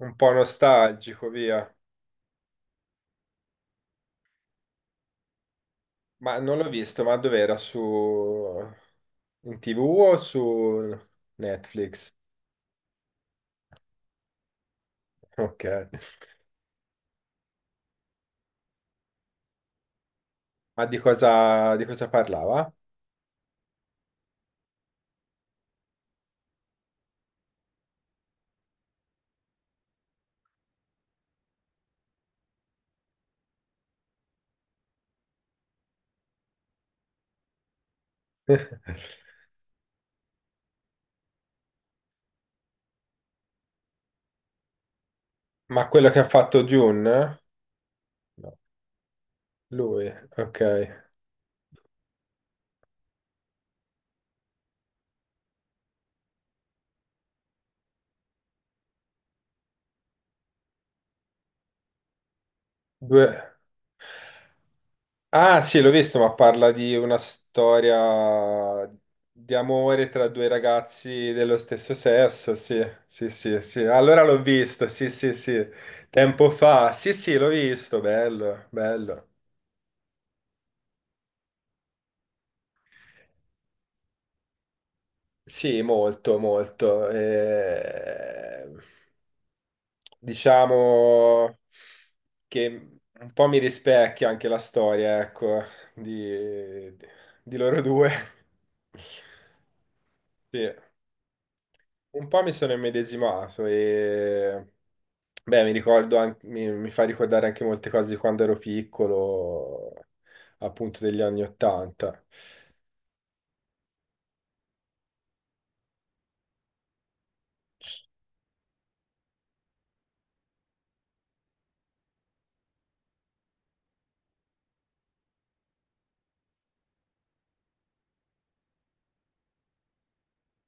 Un po' nostalgico, via. Ma non l'ho visto, ma dov'era? In TV o su Netflix? Ok. Ma di cosa parlava? Ma quello che ha fatto Dune? No. Lui, ok. Due... Ah, sì, l'ho visto, ma parla di una storia di amore tra due ragazzi dello stesso sesso. Sì, sì, sì, sì. Allora l'ho visto, sì, sì, sì. Tempo fa. Sì, sì, l'ho visto, bello, bello. Sì, molto, molto. Diciamo che un po' mi rispecchia anche la storia, ecco, di, di loro due. Sì. Un po' mi sono immedesimato e beh, mi ricordo anche, mi fa ricordare anche molte cose di quando ero piccolo, appunto degli anni 80.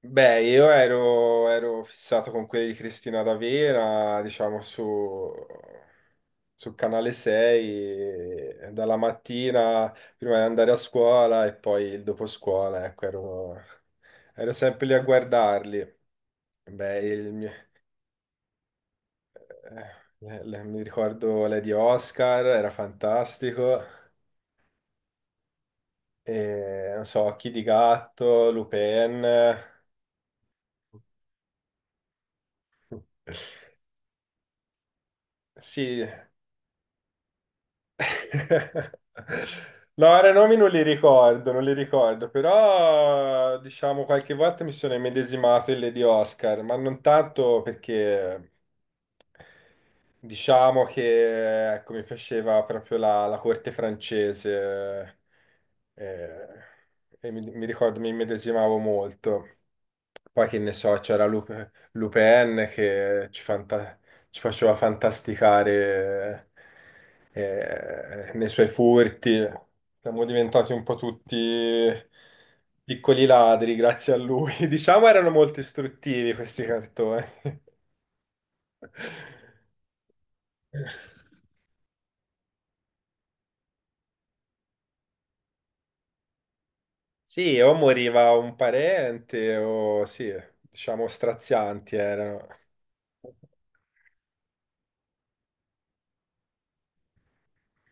Beh, io ero fissato con quelli di Cristina D'Avera, diciamo su Canale 6, e dalla mattina prima di andare a scuola e poi il dopo scuola, ecco, ero sempre lì a guardarli. Beh, il mio. Eh, Mi ricordo Lady Oscar, era fantastico. E, non so, Occhi di gatto, Lupin. Sì. No, ora i nomi non li ricordo, non li ricordo, però diciamo qualche volta mi sono immedesimato in Lady Oscar, ma non tanto perché. Diciamo che ecco, mi piaceva proprio la corte francese eh, e mi ricordo mi immedesimavo molto. Poi che ne so, c'era Lupin che ci faceva fantasticare nei suoi furti. Siamo diventati un po' tutti piccoli ladri grazie a lui. Diciamo erano molto istruttivi questi cartoni. Sì, o moriva un parente o sì, diciamo strazianti erano.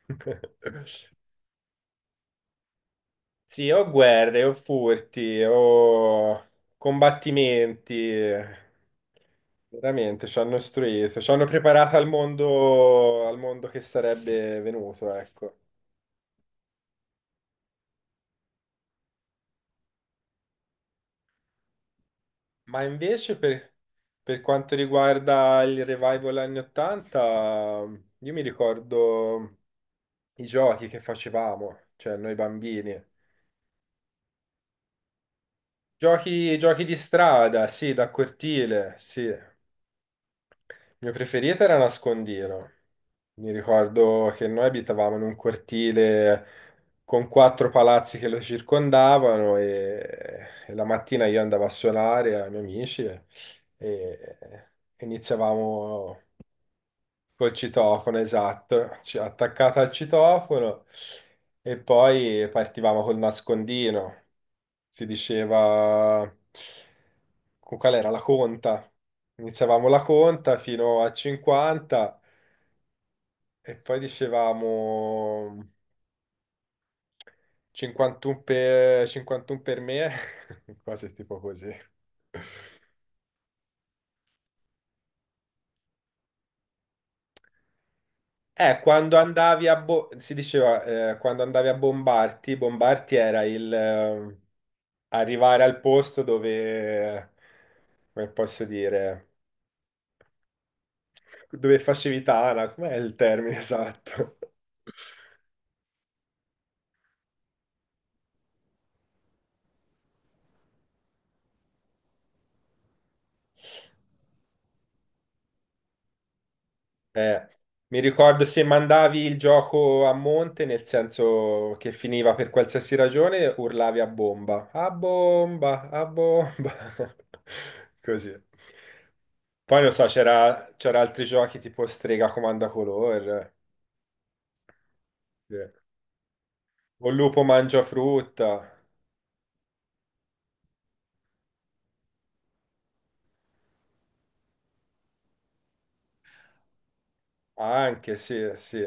Sì, o guerre, o furti, o combattimenti. Veramente ci hanno istruito, ci hanno preparato al mondo che sarebbe venuto, ecco. Ma invece per quanto riguarda il revival anni 80, io mi ricordo i giochi che facevamo, cioè noi bambini. Giochi, giochi di strada, sì, da cortile, sì. Il mio preferito era nascondino. Mi ricordo che noi abitavamo in un cortile con quattro palazzi che lo circondavano e la mattina io andavo a suonare ai miei amici e iniziavamo. Col citofono, esatto, attaccata al citofono e poi partivamo col nascondino. Si diceva, con qual era la conta? Iniziavamo la conta fino a 50 e poi dicevamo 51 per me, cose tipo così. Quando andavi a bo- Si diceva, quando andavi a Bombarti era il arrivare al posto dove, come posso dire, dove facevi tana, com'è il termine esatto? Eh, Mi ricordo se mandavi il gioco a monte, nel senso che finiva per qualsiasi ragione, urlavi a bomba, a bomba, a bomba, così. Poi non so, c'era altri giochi tipo Strega Comanda Color, sì. O Lupo Mangia Frutta, anche, sì, sì.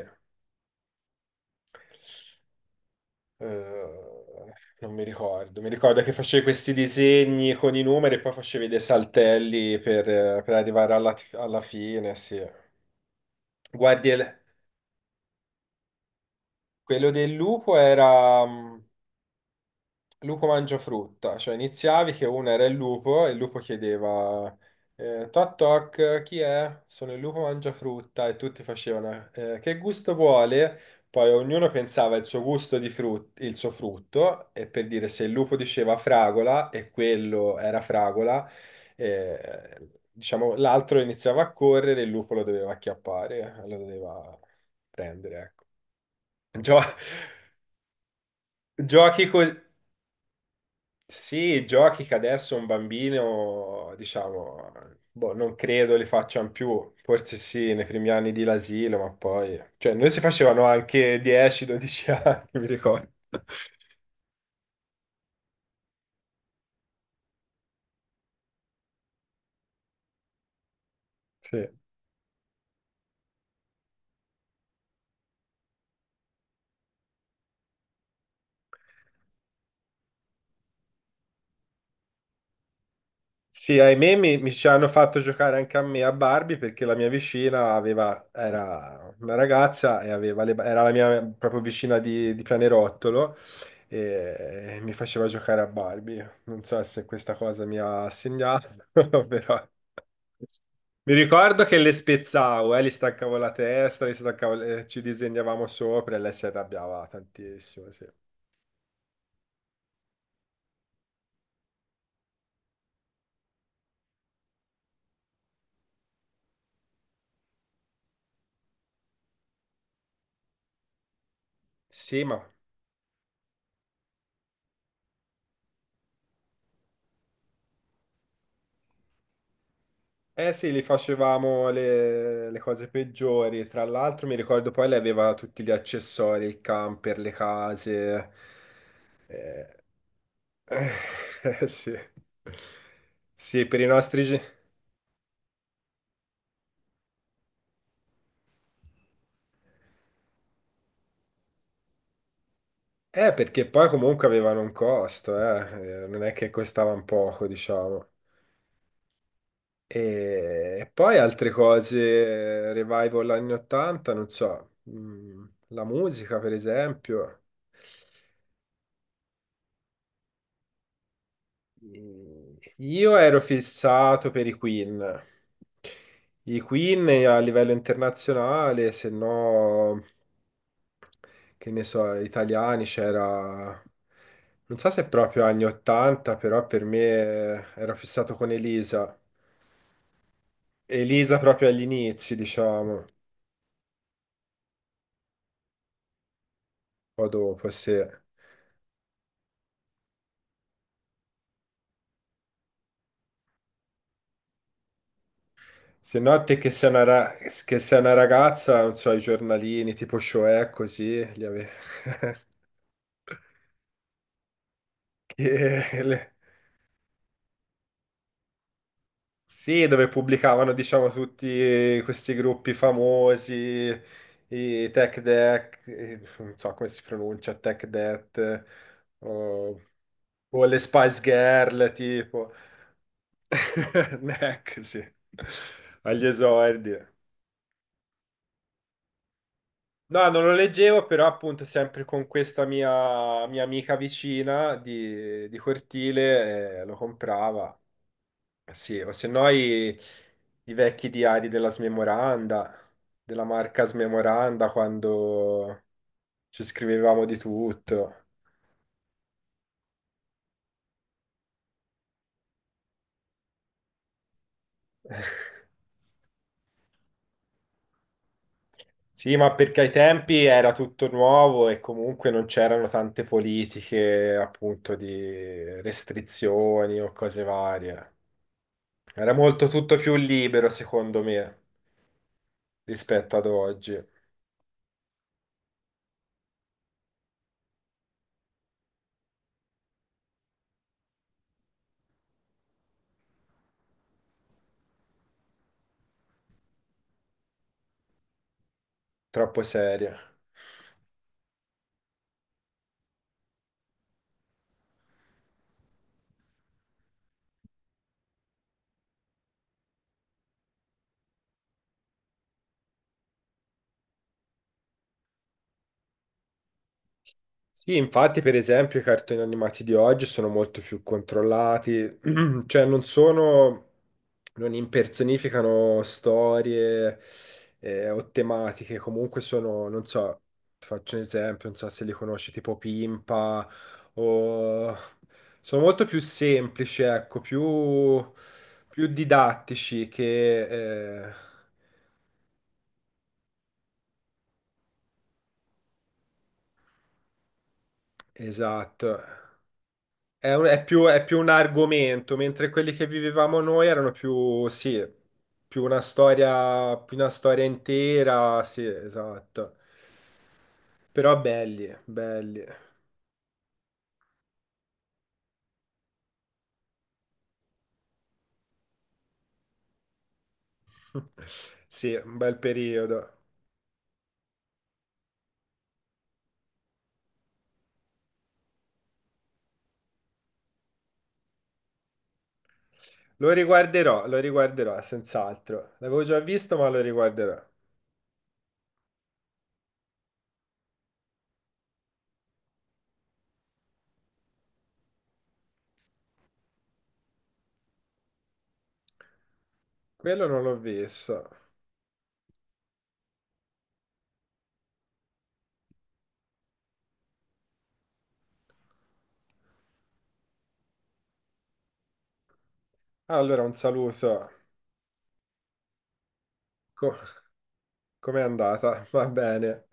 Eh, Non mi ricordo, mi ricordo che facevi questi disegni con i numeri e poi facevi dei saltelli per arrivare alla fine, sì. Guardi, quello del lupo era. Lupo mangia frutta, cioè iniziavi che uno era il lupo e il lupo chiedeva toc toc, chi è? Sono il lupo mangia frutta e tutti facevano che gusto vuole? Poi ognuno pensava il suo frutto e per dire se il lupo diceva fragola e quello era fragola, diciamo l'altro iniziava a correre e il lupo lo doveva acchiappare, lo doveva prendere, ecco. Gio- giochi così. Sì, giochi che adesso un bambino, diciamo, boh, non credo li facciano più, forse sì, nei primi anni di l'asilo, ma poi. Cioè, noi si facevano anche 10-12 anni, mi ricordo. Sì. Sì, ahimè mi ci hanno fatto giocare anche a me a Barbie perché la mia vicina aveva, era una ragazza e aveva le, era la mia proprio vicina di pianerottolo e mi faceva giocare a Barbie. Non so se questa cosa mi ha segnato, però mi ricordo che le spezzavo, gli staccavo la testa, gli staccavo ci disegnavamo sopra e lei si arrabbiava tantissimo. Sì, sì, ma. Eh sì, li facevamo le cose peggiori. Tra l'altro, mi ricordo poi lei aveva tutti gli accessori, il camper, le case. Sì. Sì, per i nostri. Perché poi comunque avevano un costo, eh. Non è che costavano poco, diciamo. E poi altre cose, revival anni 80, non so, la musica per esempio. Io ero fissato per i Queen. I Queen a livello internazionale, se no, che ne so, italiani c'era, non so se proprio anni 80, però per me ero fissato con Elisa. Elisa proprio agli inizi, diciamo, un po' dopo, se. Se no, te che sei una ragazza, non so, i giornalini tipo Shoè, così, che le- Sì, dove pubblicavano, diciamo, tutti questi gruppi famosi, i Tech Deck, non so come si pronuncia, Tech Death, o, o le Spice Girl, tipo. Neck, sì. Agli esordi. No, non lo leggevo, però appunto sempre con questa mia amica vicina di cortile, lo comprava. Eh sì, o se no i vecchi diari della smemoranda, della marca smemoranda, quando ci scrivevamo di tutto. Sì, ma perché ai tempi era tutto nuovo e comunque non c'erano tante politiche, appunto, di restrizioni o cose varie. Era molto tutto più libero, secondo me, rispetto ad oggi. Troppo serio. Sì, infatti, per esempio, i cartoni animati di oggi sono molto più controllati, cioè non sono, non impersonificano storie o tematiche, comunque sono, non so, ti faccio un esempio, non so se li conosci, tipo Pimpa, o. Sono molto più semplici, ecco, più didattici che. Esatto. È più un argomento, mentre quelli che vivevamo noi erano più, sì, più una storia intera, sì, esatto. Però belli, belli. Sì, un bel periodo. Lo riguarderò, senz'altro. L'avevo già visto, ma lo riguarderò. Quello non l'ho visto. Allora, un saluto. Co- com'è andata? Va bene.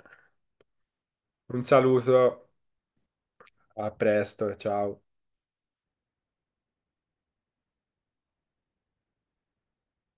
Un saluto, a presto, ciao.